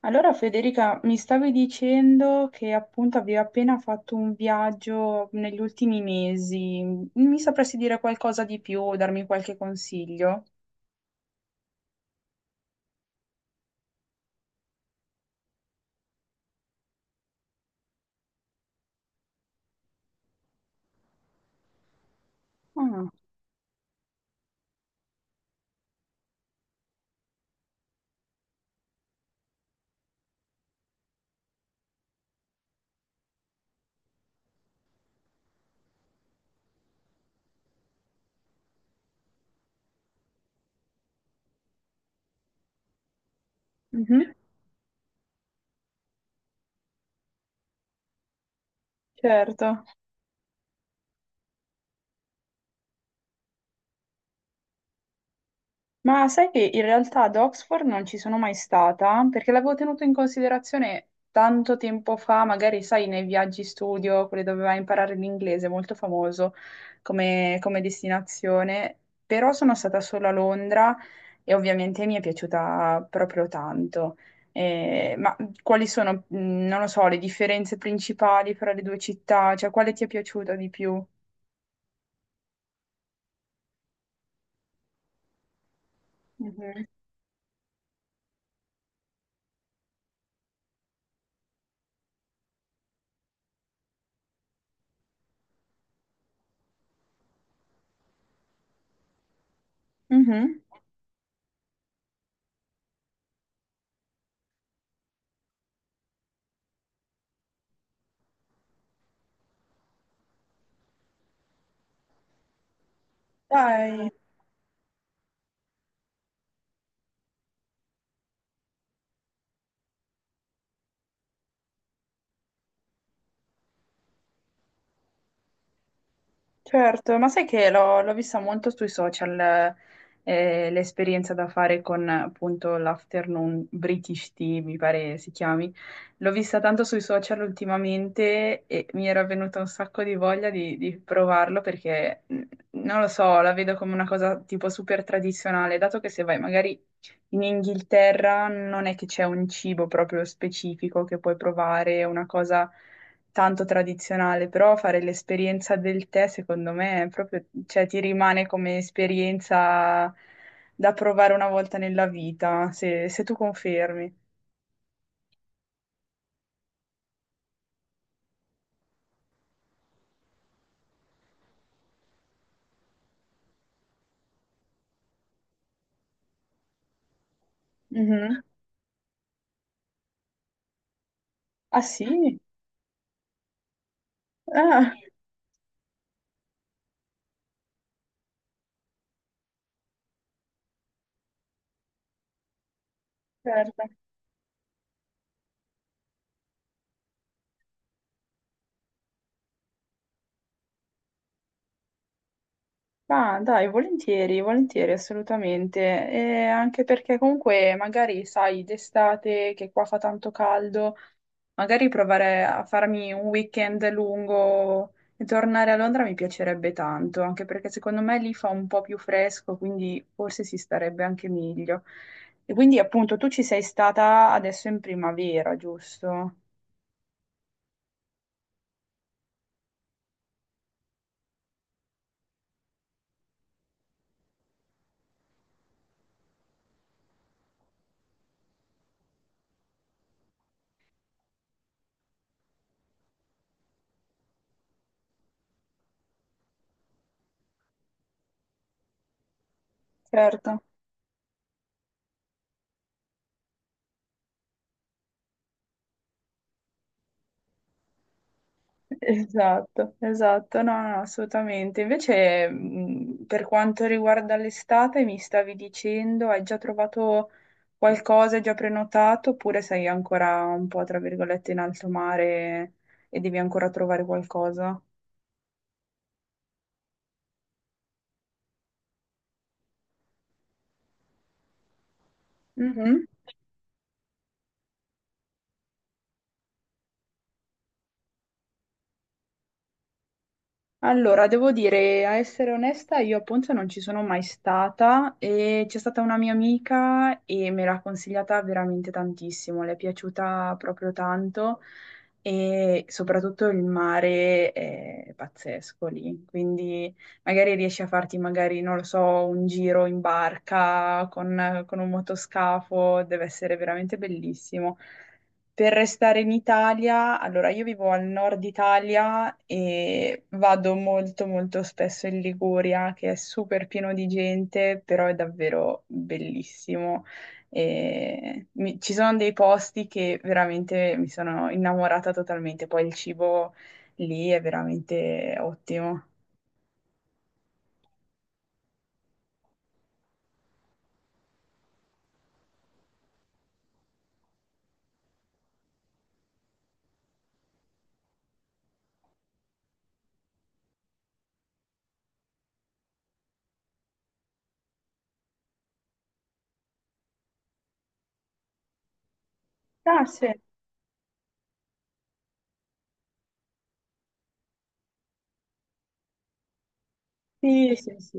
Allora Federica, mi stavi dicendo che appunto avevi appena fatto un viaggio negli ultimi mesi. Mi sapresti dire qualcosa di più o darmi qualche consiglio? Ah, mhm, certo. Ma sai che in realtà ad Oxford non ci sono mai stata, perché l'avevo tenuto in considerazione tanto tempo fa, magari sai, nei viaggi studio, quelli dove vai a imparare l'inglese, molto famoso come destinazione, però sono stata solo a Londra e ovviamente mi è piaciuta proprio tanto. Ma quali sono, non lo so, le differenze principali fra le due città? Cioè, quale ti è piaciuta di più? Mhm. Mhm. Dai. Certo, ma sai che l'ho vista molto sui social, l'esperienza da fare con appunto l'afternoon British Tea, mi pare si chiami. L'ho vista tanto sui social ultimamente e mi era venuta un sacco di voglia di provarlo perché, non lo so, la vedo come una cosa tipo super tradizionale, dato che se vai magari in Inghilterra non è che c'è un cibo proprio specifico che puoi provare, una cosa tanto tradizionale, però fare l'esperienza del tè secondo me è proprio, cioè ti rimane come esperienza da provare una volta nella vita, se tu confermi. Mhm. Ah sì? Ah, certo. Ah, dai, volentieri, volentieri, assolutamente. E anche perché comunque magari sai, d'estate che qua fa tanto caldo, magari provare a farmi un weekend lungo e tornare a Londra mi piacerebbe tanto, anche perché secondo me lì fa un po' più fresco, quindi forse si starebbe anche meglio. E quindi appunto tu ci sei stata adesso in primavera, giusto? Certo. Esatto, esatto, no, no, assolutamente. Invece, per quanto riguarda l'estate, mi stavi dicendo, hai già trovato qualcosa, hai già prenotato, oppure sei ancora un po', tra virgolette, in alto mare e devi ancora trovare qualcosa? Mhm. Allora, devo dire, a essere onesta, io a Ponza non ci sono mai stata e c'è stata una mia amica e me l'ha consigliata veramente tantissimo, le è piaciuta proprio tanto e soprattutto il mare è pazzesco lì, quindi magari riesci a farti magari, non lo so, un giro in barca con un motoscafo, deve essere veramente bellissimo. Per restare in Italia, allora io vivo al nord Italia e vado molto molto spesso in Liguria, che è super pieno di gente, però è davvero bellissimo. E ci sono dei posti che veramente mi sono innamorata totalmente, poi il cibo lì è veramente ottimo. Ah, sì. Sì, sì, sì,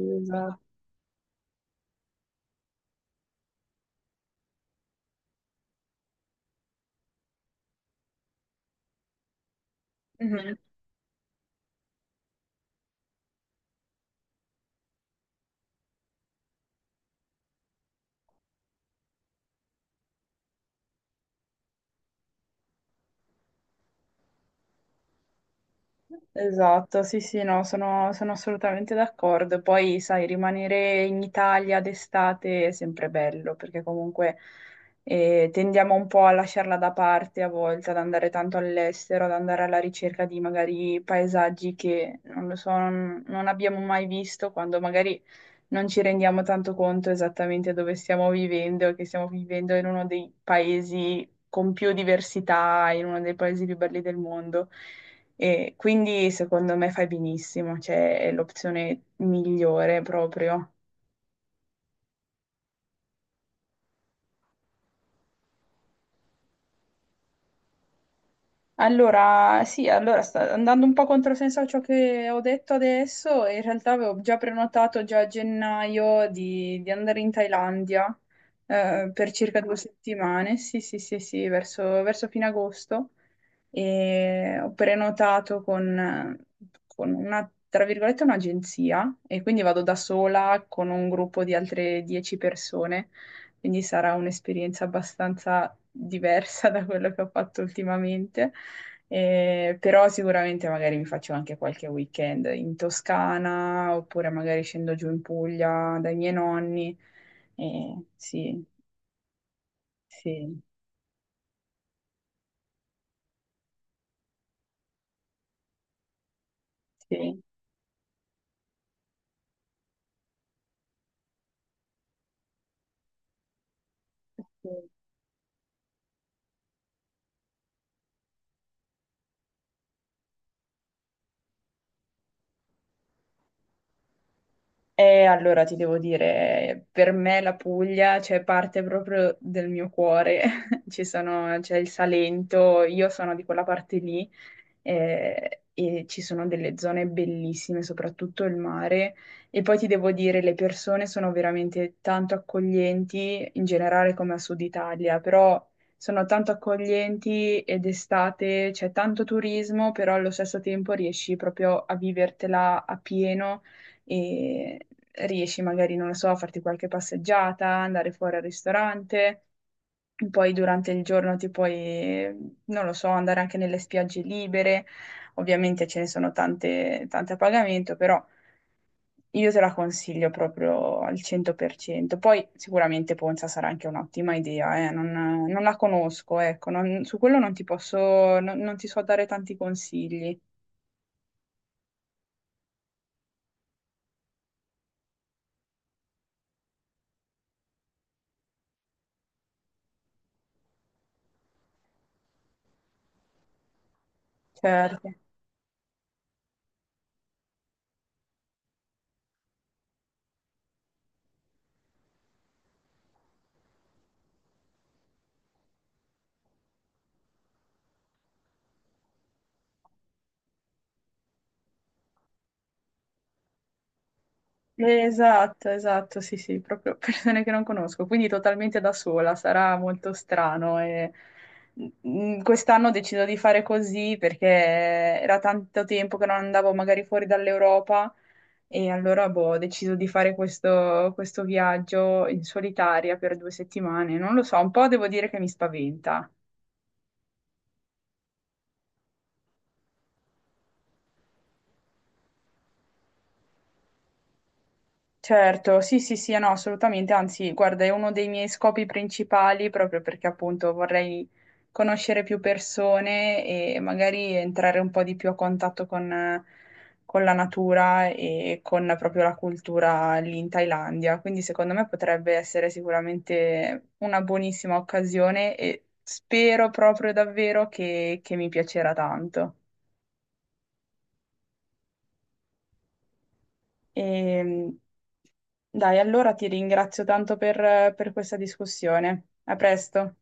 esatto. Esatto, sì, sì, no, sono, sono assolutamente d'accordo. Poi, sai, rimanere in Italia d'estate è sempre bello, perché comunque tendiamo un po' a lasciarla da parte a volte, ad andare tanto all'estero, ad andare alla ricerca di magari paesaggi che, non lo so, non abbiamo mai visto, quando magari non ci rendiamo tanto conto esattamente dove stiamo vivendo, che stiamo vivendo in uno dei paesi con più diversità, in uno dei paesi più belli del mondo. E quindi secondo me fai benissimo, cioè è l'opzione migliore proprio. Allora, sì, allora sta andando un po' controsenso a ciò che ho detto adesso, in realtà avevo già prenotato già a gennaio di andare in Thailandia per circa 2 settimane, sì, sì, sì, sì, verso fine agosto. E ho prenotato con una, tra virgolette, un'agenzia e quindi vado da sola con un gruppo di altre 10 persone, quindi sarà un'esperienza abbastanza diversa da quello che ho fatto ultimamente. Però sicuramente magari mi faccio anche qualche weekend in Toscana oppure magari scendo giù in Puglia dai miei nonni. Sì, sì, sì. Sì. E allora ti devo dire, per me la Puglia, cioè, parte proprio del mio cuore. C'è il Salento, io sono di quella parte lì e ci sono delle zone bellissime, soprattutto il mare. E poi ti devo dire, le persone sono veramente tanto accoglienti, in generale come a Sud Italia, però sono tanto accoglienti ed estate c'è tanto turismo, però allo stesso tempo riesci proprio a vivertela a pieno e riesci magari, non lo so, a farti qualche passeggiata, andare fuori al ristorante. Poi durante il giorno ti puoi, non lo so, andare anche nelle spiagge libere. Ovviamente ce ne sono tante, tante a pagamento, però io te la consiglio proprio al 100%. Poi sicuramente Ponza sarà anche un'ottima idea, non, non la conosco, ecco, su quello non ti posso, non ti so dare tanti consigli. Certo. Esatto, esatto, sì, sì, proprio persone che non conosco, quindi totalmente da sola, sarà molto strano. E... mm, quest'anno ho deciso di fare così perché era tanto tempo che non andavo magari fuori dall'Europa e allora boh, ho deciso di fare questo, questo viaggio in solitaria per 2 settimane. Non lo so, un po' devo dire che mi spaventa. Certo, sì, sì, sì, no, assolutamente, anzi, guarda, è uno dei miei scopi principali proprio perché appunto vorrei conoscere più persone e magari entrare un po' di più a contatto con la natura e con proprio la cultura lì in Thailandia. Quindi secondo me potrebbe essere sicuramente una buonissima occasione e spero proprio davvero che mi piacerà tanto. E, dai, allora ti ringrazio tanto per questa discussione. A presto.